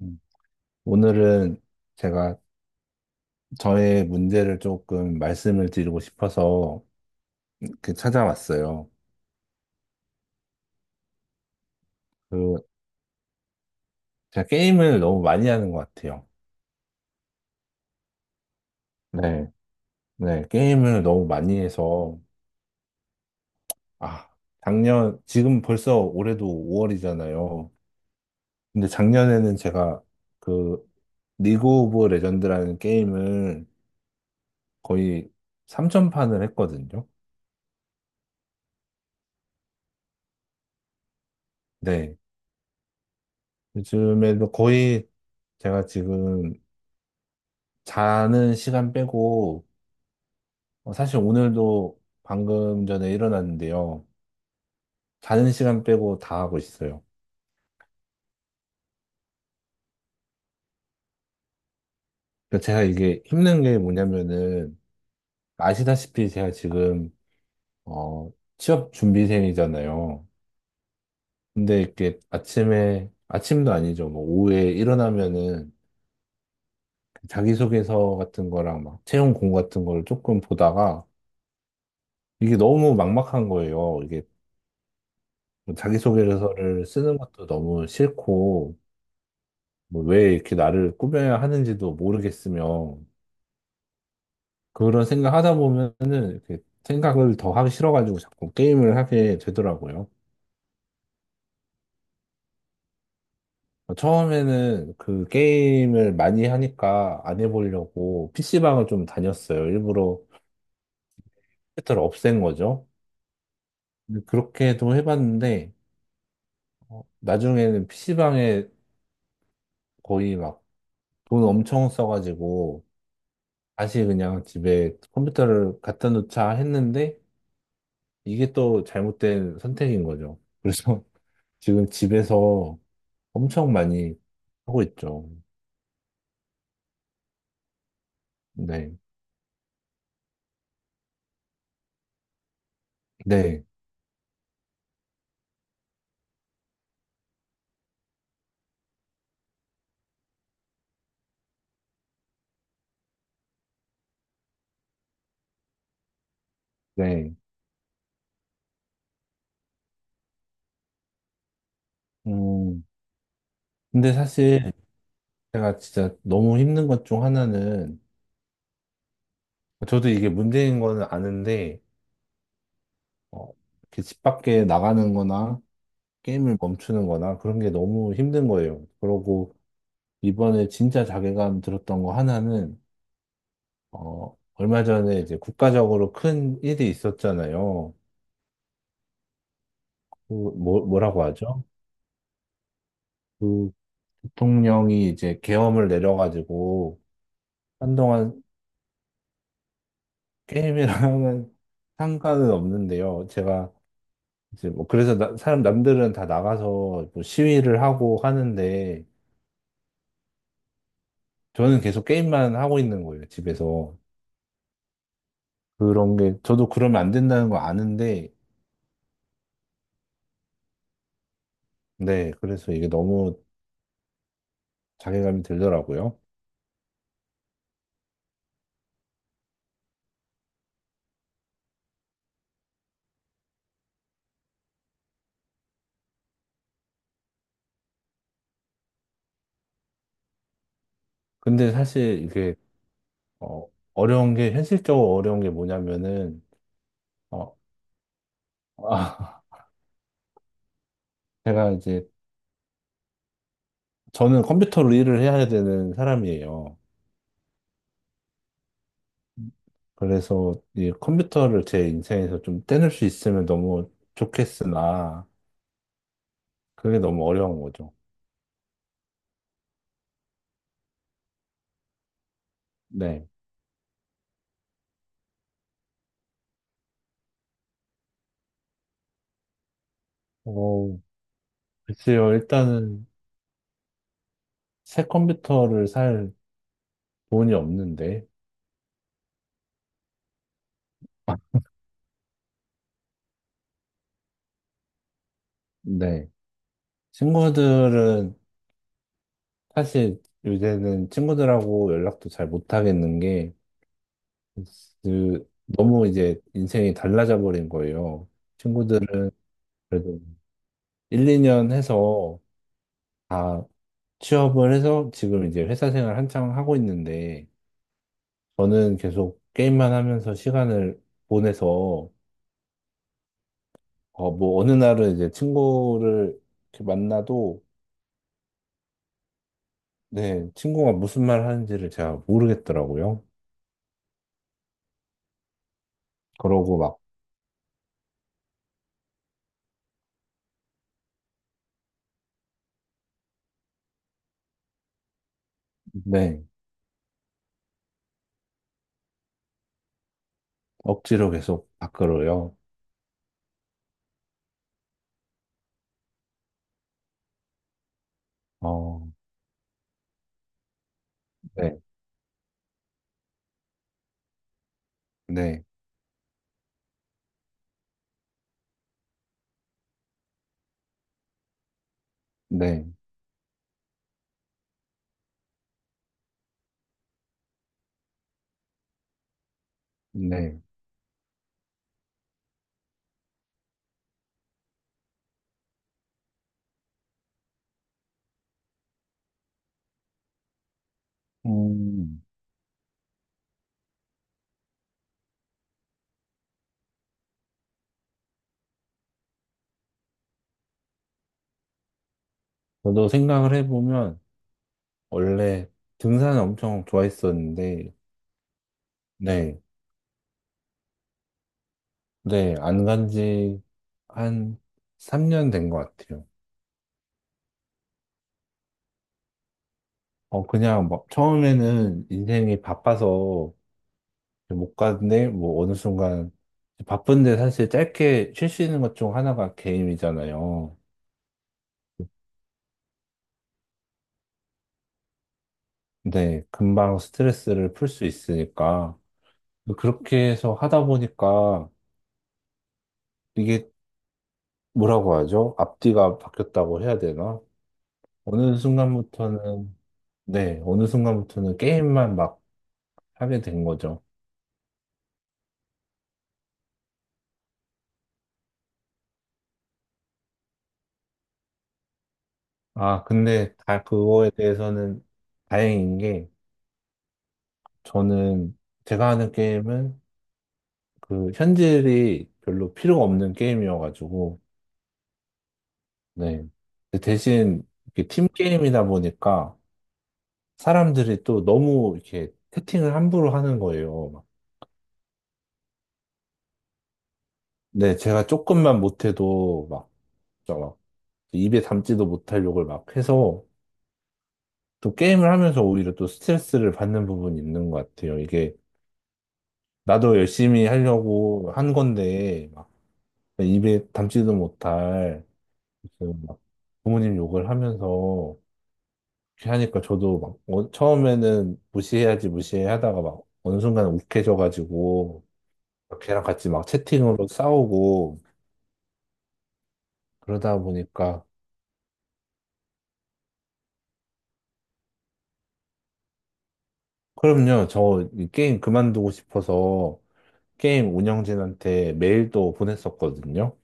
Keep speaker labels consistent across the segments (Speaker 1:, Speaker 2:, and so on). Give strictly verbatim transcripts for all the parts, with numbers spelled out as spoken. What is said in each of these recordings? Speaker 1: 음. 오늘은 제가 저의 문제를 조금 말씀을 드리고 싶어서 이렇게 찾아왔어요. 그, 제가 게임을 너무 많이 하는 것 같아요. 네, 네, 게임을 너무 많이 해서, 아, 작년, 지금 벌써 올해도 오 월이잖아요. 근데 작년에는 제가 그, 리그 오브 레전드라는 게임을 거의 삼천 판을 했거든요. 네, 요즘에도 거의 제가 지금 자는 시간 빼고, 어, 사실 오늘도 방금 전에 일어났는데요. 자는 시간 빼고 다 하고 있어요. 그 제가 이게 힘든 게 뭐냐면은, 아시다시피 제가 지금, 어, 취업 준비생이잖아요. 근데 이렇게 아침에, 아침도 아니죠. 뭐 오후에 일어나면은 그 자기소개서 같은 거랑 막 채용 공고 같은 걸 조금 보다가 이게 너무 막막한 거예요. 이게 뭐 자기소개서를 쓰는 것도 너무 싫고, 뭐 왜 이렇게 나를 꾸며야 하는지도 모르겠으며 그런 생각하다 보면은 이렇게 생각을 더 하기 싫어가지고 자꾸 게임을 하게 되더라고요. 처음에는 그 게임을 많이 하니까 안 해보려고 피시방을 좀 다녔어요. 일부러 컴퓨터를 없앤 거죠. 근데 그렇게도 해봤는데 어, 나중에는 피시방에 거의 막 돈 엄청 써가지고 다시 그냥 집에 컴퓨터를 갖다 놓자 했는데 이게 또 잘못된 선택인 거죠. 그래서 지금 집에서 엄청 많이 하고 있죠. 네, 네, 네. 음, 근데 사실 제가 진짜 너무 힘든 것 중 하나는 저도 이게 문제인 거는 아는데 어, 이렇게 집 밖에 나가는 거나 게임을 멈추는 거나 그런 게 너무 힘든 거예요. 그러고 이번에 진짜 자괴감 들었던 거 하나는 어, 얼마 전에 이제 국가적으로 큰 일이 있었잖아요. 그 뭐, 뭐라고 하죠? 그 부통령이 이제 계엄을 내려가지고 한동안 게임이랑은 상관은 없는데요. 제가 이제 뭐 그래서 나- 사람 남들은 다 나가서 뭐 시위를 하고 하는데 저는 계속 게임만 하고 있는 거예요, 집에서. 그런 게 저도 그러면 안 된다는 거 아는데 네, 그래서 이게 너무 자괴감이 들더라고요. 근데 사실 이게 어, 어려운 게 현실적으로 어려운 게 뭐냐면은 어, 제가 이제 저는 컴퓨터로 일을 해야 되는 사람이에요. 그래서 이 컴퓨터를 제 인생에서 좀 떼낼 수 있으면 너무 좋겠으나 그게 너무 어려운 거죠. 네. 어, 글쎄요. 일단은 새 컴퓨터를 살 돈이 없는데. 네. 친구들은 사실 요새는 친구들하고 연락도 잘 못 하겠는 게 그, 너무 이제 인생이 달라져 버린 거예요. 친구들은 그래도 일 이 년 해서 다 취업을 해서 지금 이제 회사 생활 한창 하고 있는데, 저는 계속 게임만 하면서 시간을 보내서, 어, 뭐, 어느 날은 이제 친구를 이렇게 만나도, 네, 친구가 무슨 말 하는지를 제가 모르겠더라고요. 그러고 막, 네, 억지로 계속 밖으로요. 어, 네, 네, 네, 네. 음, 저도 생각을 해보면, 원래 등산을 엄청 좋아했었는데, 네. 네, 안 간지 한 삼 년 된 것 같아요. 어, 그냥 막 처음에는 인생이 바빠서 못 갔는데, 뭐 어느 순간 바쁜데 사실 짧게 쉴 수 있는 것 중 하나가 게임이잖아요. 네, 금방 스트레스를 풀 수 있으니까. 그렇게 해서 하다 보니까 이게 뭐라고 하죠? 앞뒤가 바뀌었다고 해야 되나? 어느 순간부터는, 네, 어느 순간부터는 게임만 막 하게 된 거죠. 아, 근데 다 그거에 대해서는 다행인 게 저는 제가 하는 게임은 그 현질이 별로 필요가 없는 게임이어가지고 네. 근데 대신 이렇게 팀 게임이다 보니까 사람들이 또 너무 이렇게 채팅을 함부로 하는 거예요. 막. 네, 제가 조금만 못해도 막, 진짜 막 입에 담지도 못할 욕을 막 해서 또 게임을 하면서 오히려 또 스트레스를 받는 부분이 있는 것 같아요. 이게 나도 열심히 하려고 한 건데 입에 담지도 못할 무슨 막 부모님 욕을 하면서 이렇게 하니까 저도 막 어- 처음에는 무시해야지 무시해 하다가 막 어느 순간 욱해져가지고 걔랑 같이 막 채팅으로 싸우고 그러다 보니까 그럼요 저이 게임 그만두고 싶어서 게임 운영진한테 메일도 보냈었거든요.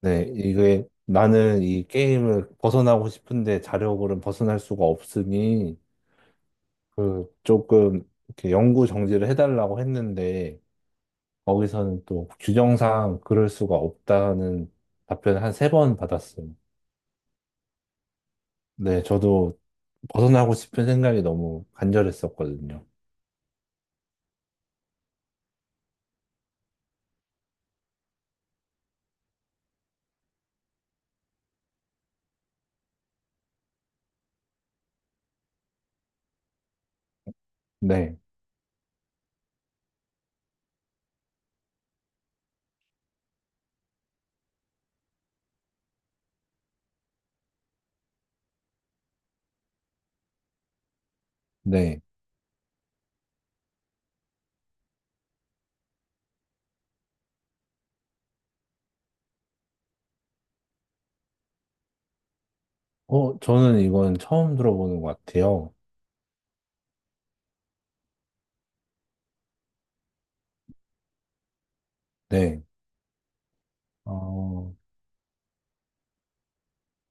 Speaker 1: 네, 이게 나는 이 게임을 벗어나고 싶은데 자력으로는 벗어날 수가 없으니 그 조금 이렇게 영구 정지를 해달라고 했는데 거기서는 또 규정상 그럴 수가 없다는 답변을 한 세 번 받았어요. 네, 저도 벗어나고 싶은 생각이 너무 간절했었거든요. 네, 네. 어, 저는 이건 처음 들어보는 것 같아요. 네. 어,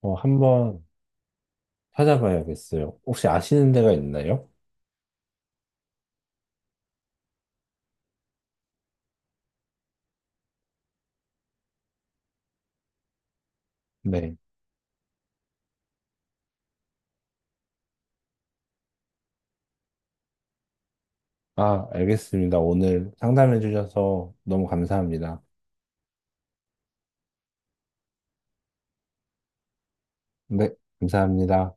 Speaker 1: 어, 한번 찾아봐야겠어요. 혹시 아시는 데가 있나요? 네. 아, 알겠습니다. 오늘 상담해 주셔서 너무 감사합니다. 네, 감사합니다.